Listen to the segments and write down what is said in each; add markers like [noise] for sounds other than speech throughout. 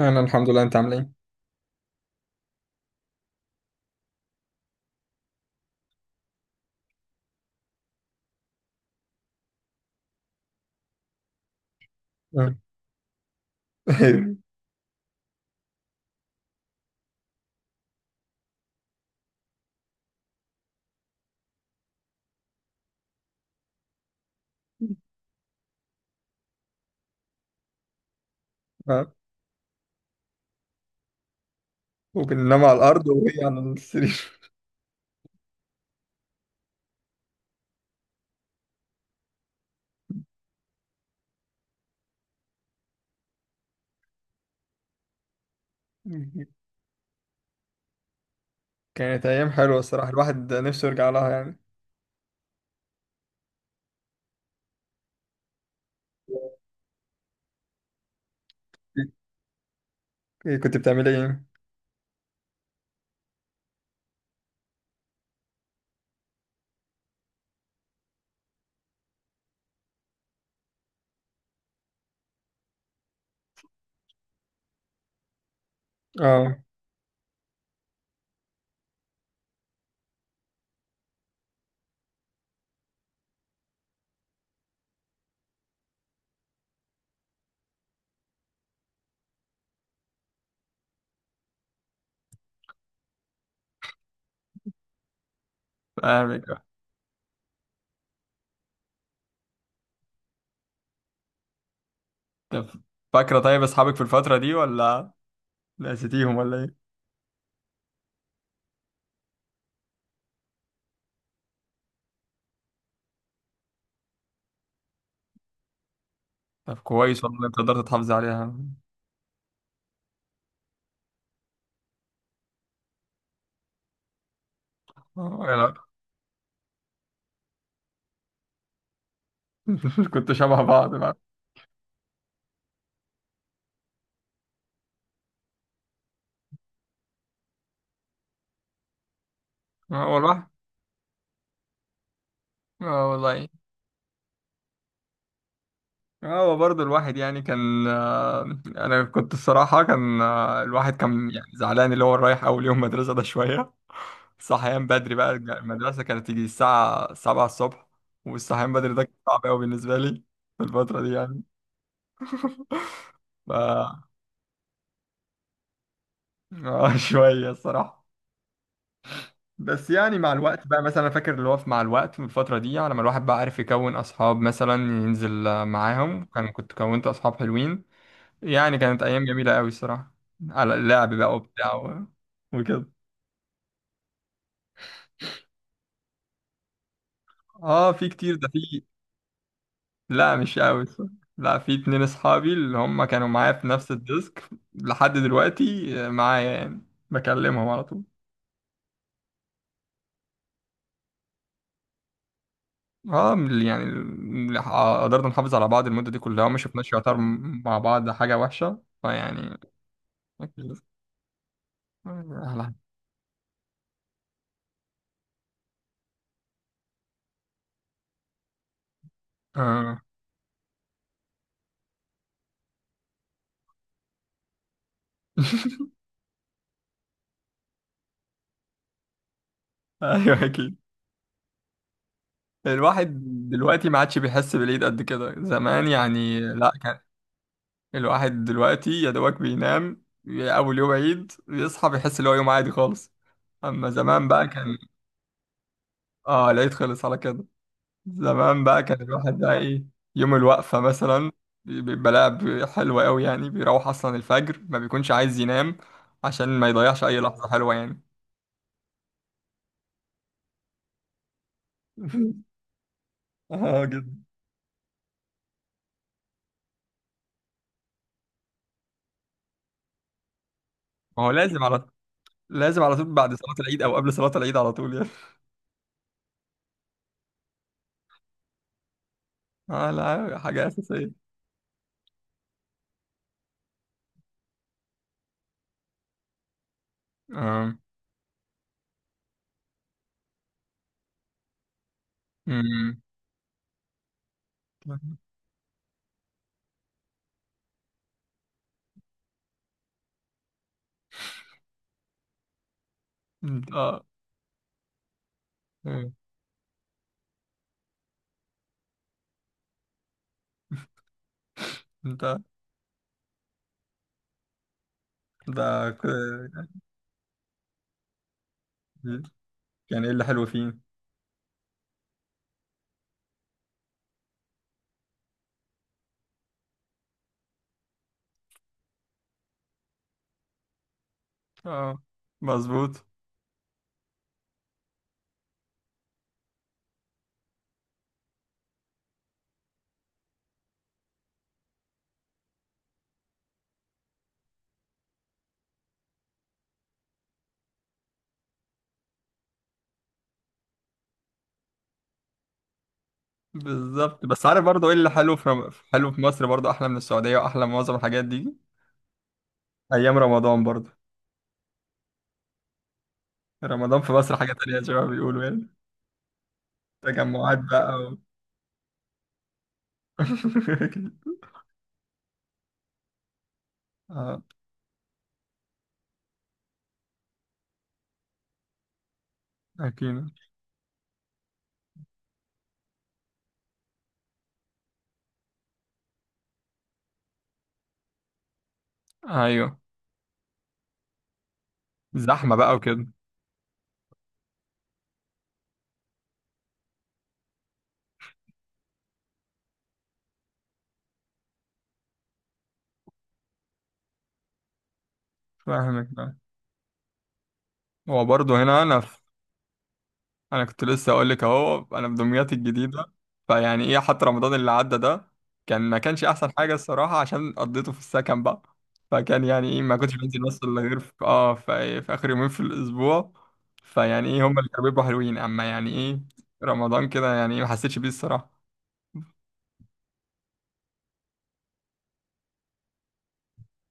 انا الحمد لله، انت عامل ايه؟ آه. [laughs] آه. وبننام على الارض وهي على السرير. [laughs] كانت ايام حلوه الصراحه، الواحد نفسه يرجع لها يعني. [laughs] إيه كنت بتعمل ايه؟ اه فاهمك آه. طب فاكرة طيب أصحابك في الفترة دي ولا نسيتيهم ولا إيه؟ طب كويس والله إن أنت قدرت تحافظ عليها. آه، يلا. [laughs] كنت شبه بعض بقى. آه والله. آه والله. آه، هو برضه الواحد يعني كان انا كنت الصراحه كان الواحد كان يعني زعلان اللي هو رايح اول يوم مدرسه ده شويه. صحيان بدري بقى، المدرسه كانت تيجي الساعه 7 الصبح، والصحيان بدري ده كان صعب قوي بالنسبه لي في الفتره دي يعني. ف آه، [laughs] شويه الصراحه. بس يعني مع الوقت بقى، مثلا أنا فاكر اللي هو مع الوقت في الفتره دي على ما الواحد بقى عارف يكون اصحاب، مثلا ينزل معاهم، كان كنت كونت اصحاب حلوين يعني. كانت ايام جميله قوي الصراحه، على اللعب بقى وبتاع وكده. اه في كتير، ده في. لا مش قوي الصراحة. لا في اتنين اصحابي اللي هم كانوا معايا في نفس الديسك لحد دلوقتي، آه، معايا يعني، بكلمهم على طول. اه من ال- يعني ال- ح- قدرنا نحافظ على بعض المده دي كلها، وما شفناش يعتبر مع بعض حاجه وحشه فيعني. أكيد. أهلا. آه. [laughs] ايوه اكيد. الواحد دلوقتي ما عادش بيحس بالايد قد كده زمان يعني، لا. الواحد دلوقتي يا دوبك بينام أول يوم عيد، بيصحى بيحس إن هو يوم عادي خالص. أما زمان بقى كان، آه، العيد خلص على كده. زمان بقى كان الواحد بقى إيه، يوم الوقفة مثلا، بيبقى لعب حلو أوي يعني، بيروح أصلا الفجر ما بيكونش عايز ينام، عشان ما يضيعش أي لحظة حلوة يعني. [laughs] اه جدا. ما هو لازم على، لازم على طول بعد صلاة العيد أو قبل صلاة العيد على طول يعني. [laughs] اه لا، حاجة أساسية. اه. أمم. انت اه. أمم. انت ده ك- يعني ايه اللي حلو فيه؟ اه مظبوط. بالظبط، بس عارف برضه ايه اللي حلو في حلو في مصر، برضه احلى من السعودية واحلى من معظم الحاجات دي. ايام رمضان برضه، رمضان في مصر حاجة تانية زي ما بيقولوا يعني. تجمعات بقى و... [laughs] اه اكيد. ايوه زحمة بقى وكده. فاهمك بقى. هو برضه هنا انا، انا كنت لسه اقول لك اهو انا في دمياط الجديده. فيعني ايه، حتى رمضان اللي عدى ده كان، ما كانش احسن حاجه الصراحه، عشان قضيته في السكن بقى. فكان يعني ايه، ما كنتش بنزل مصر الا غير في اه في اخر يومين في الاسبوع. فيعني ايه، هم اللي كانوا بيبقوا حلوين، اما يعني ايه رمضان كده، يعني ايه ما حسيتش بيه الصراحه.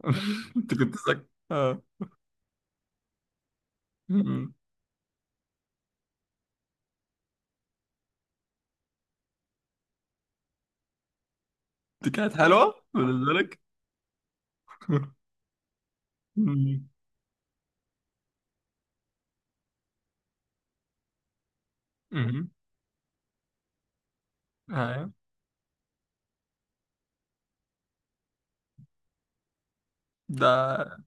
[laughs] انت كنت ساكن؟ اه. أمم. دي كانت حلوه بالنسبه لك. [laughs] أمم. أمم. آه. ده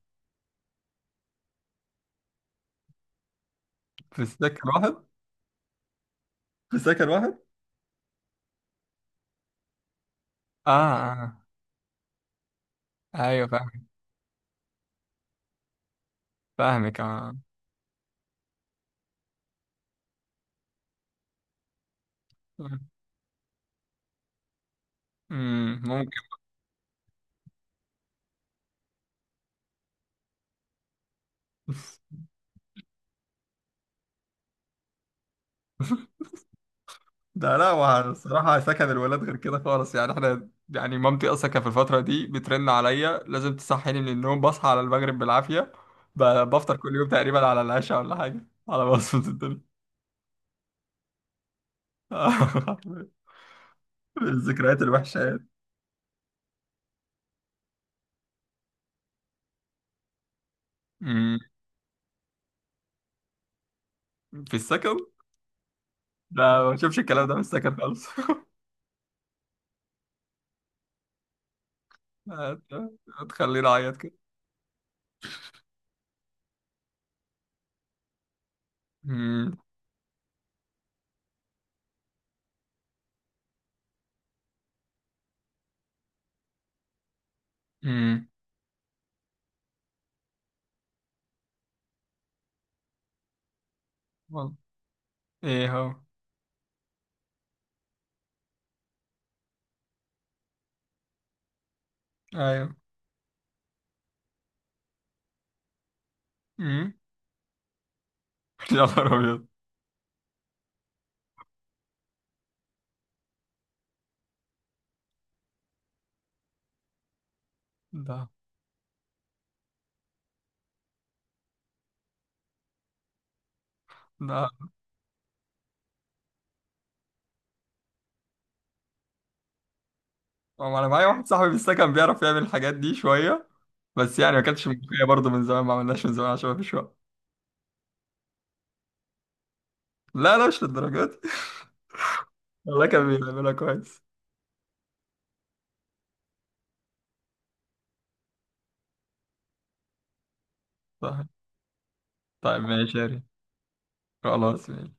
في السكن واحد. في السكن واحد. اه اه. آه. ايوه فاهمك اه. أمم، ممكن. [laughs] ده لا، والصراحة سكن الولاد غير كده خالص يعني. احنا يعني مامتي اصلا كانت في الفترة دي بترن عليا لازم تصحيني من النوم، بصحى على المغرب بالعافية. ب- بفطر كل يوم تقريبا على العشاء ولا حاجة، على بصمة الدنيا. [laughs] الذكريات الوحشة يعني. أمم، في السكن. لا ما بشوفش الكلام ده من السكن خالص. [laughs] هتخليني اعيط كده. أمم، أمم، والله. ايه هو؟ ايوه. أمم، [laughs] يا نهار ابيض. ده لا، هو انا معايا واحد صاحبي في السكن بيعرف يعمل الحاجات دي شويه، بس يعني ما كانتش مجدية برضه من زمان، ما عملناش من زمان عشان ما فيش وقت. لا لا، مش للدرجات. [laughs] والله كان بيعملها كويس. صح. طيب ماشي يا ريت. خلاص ماشي.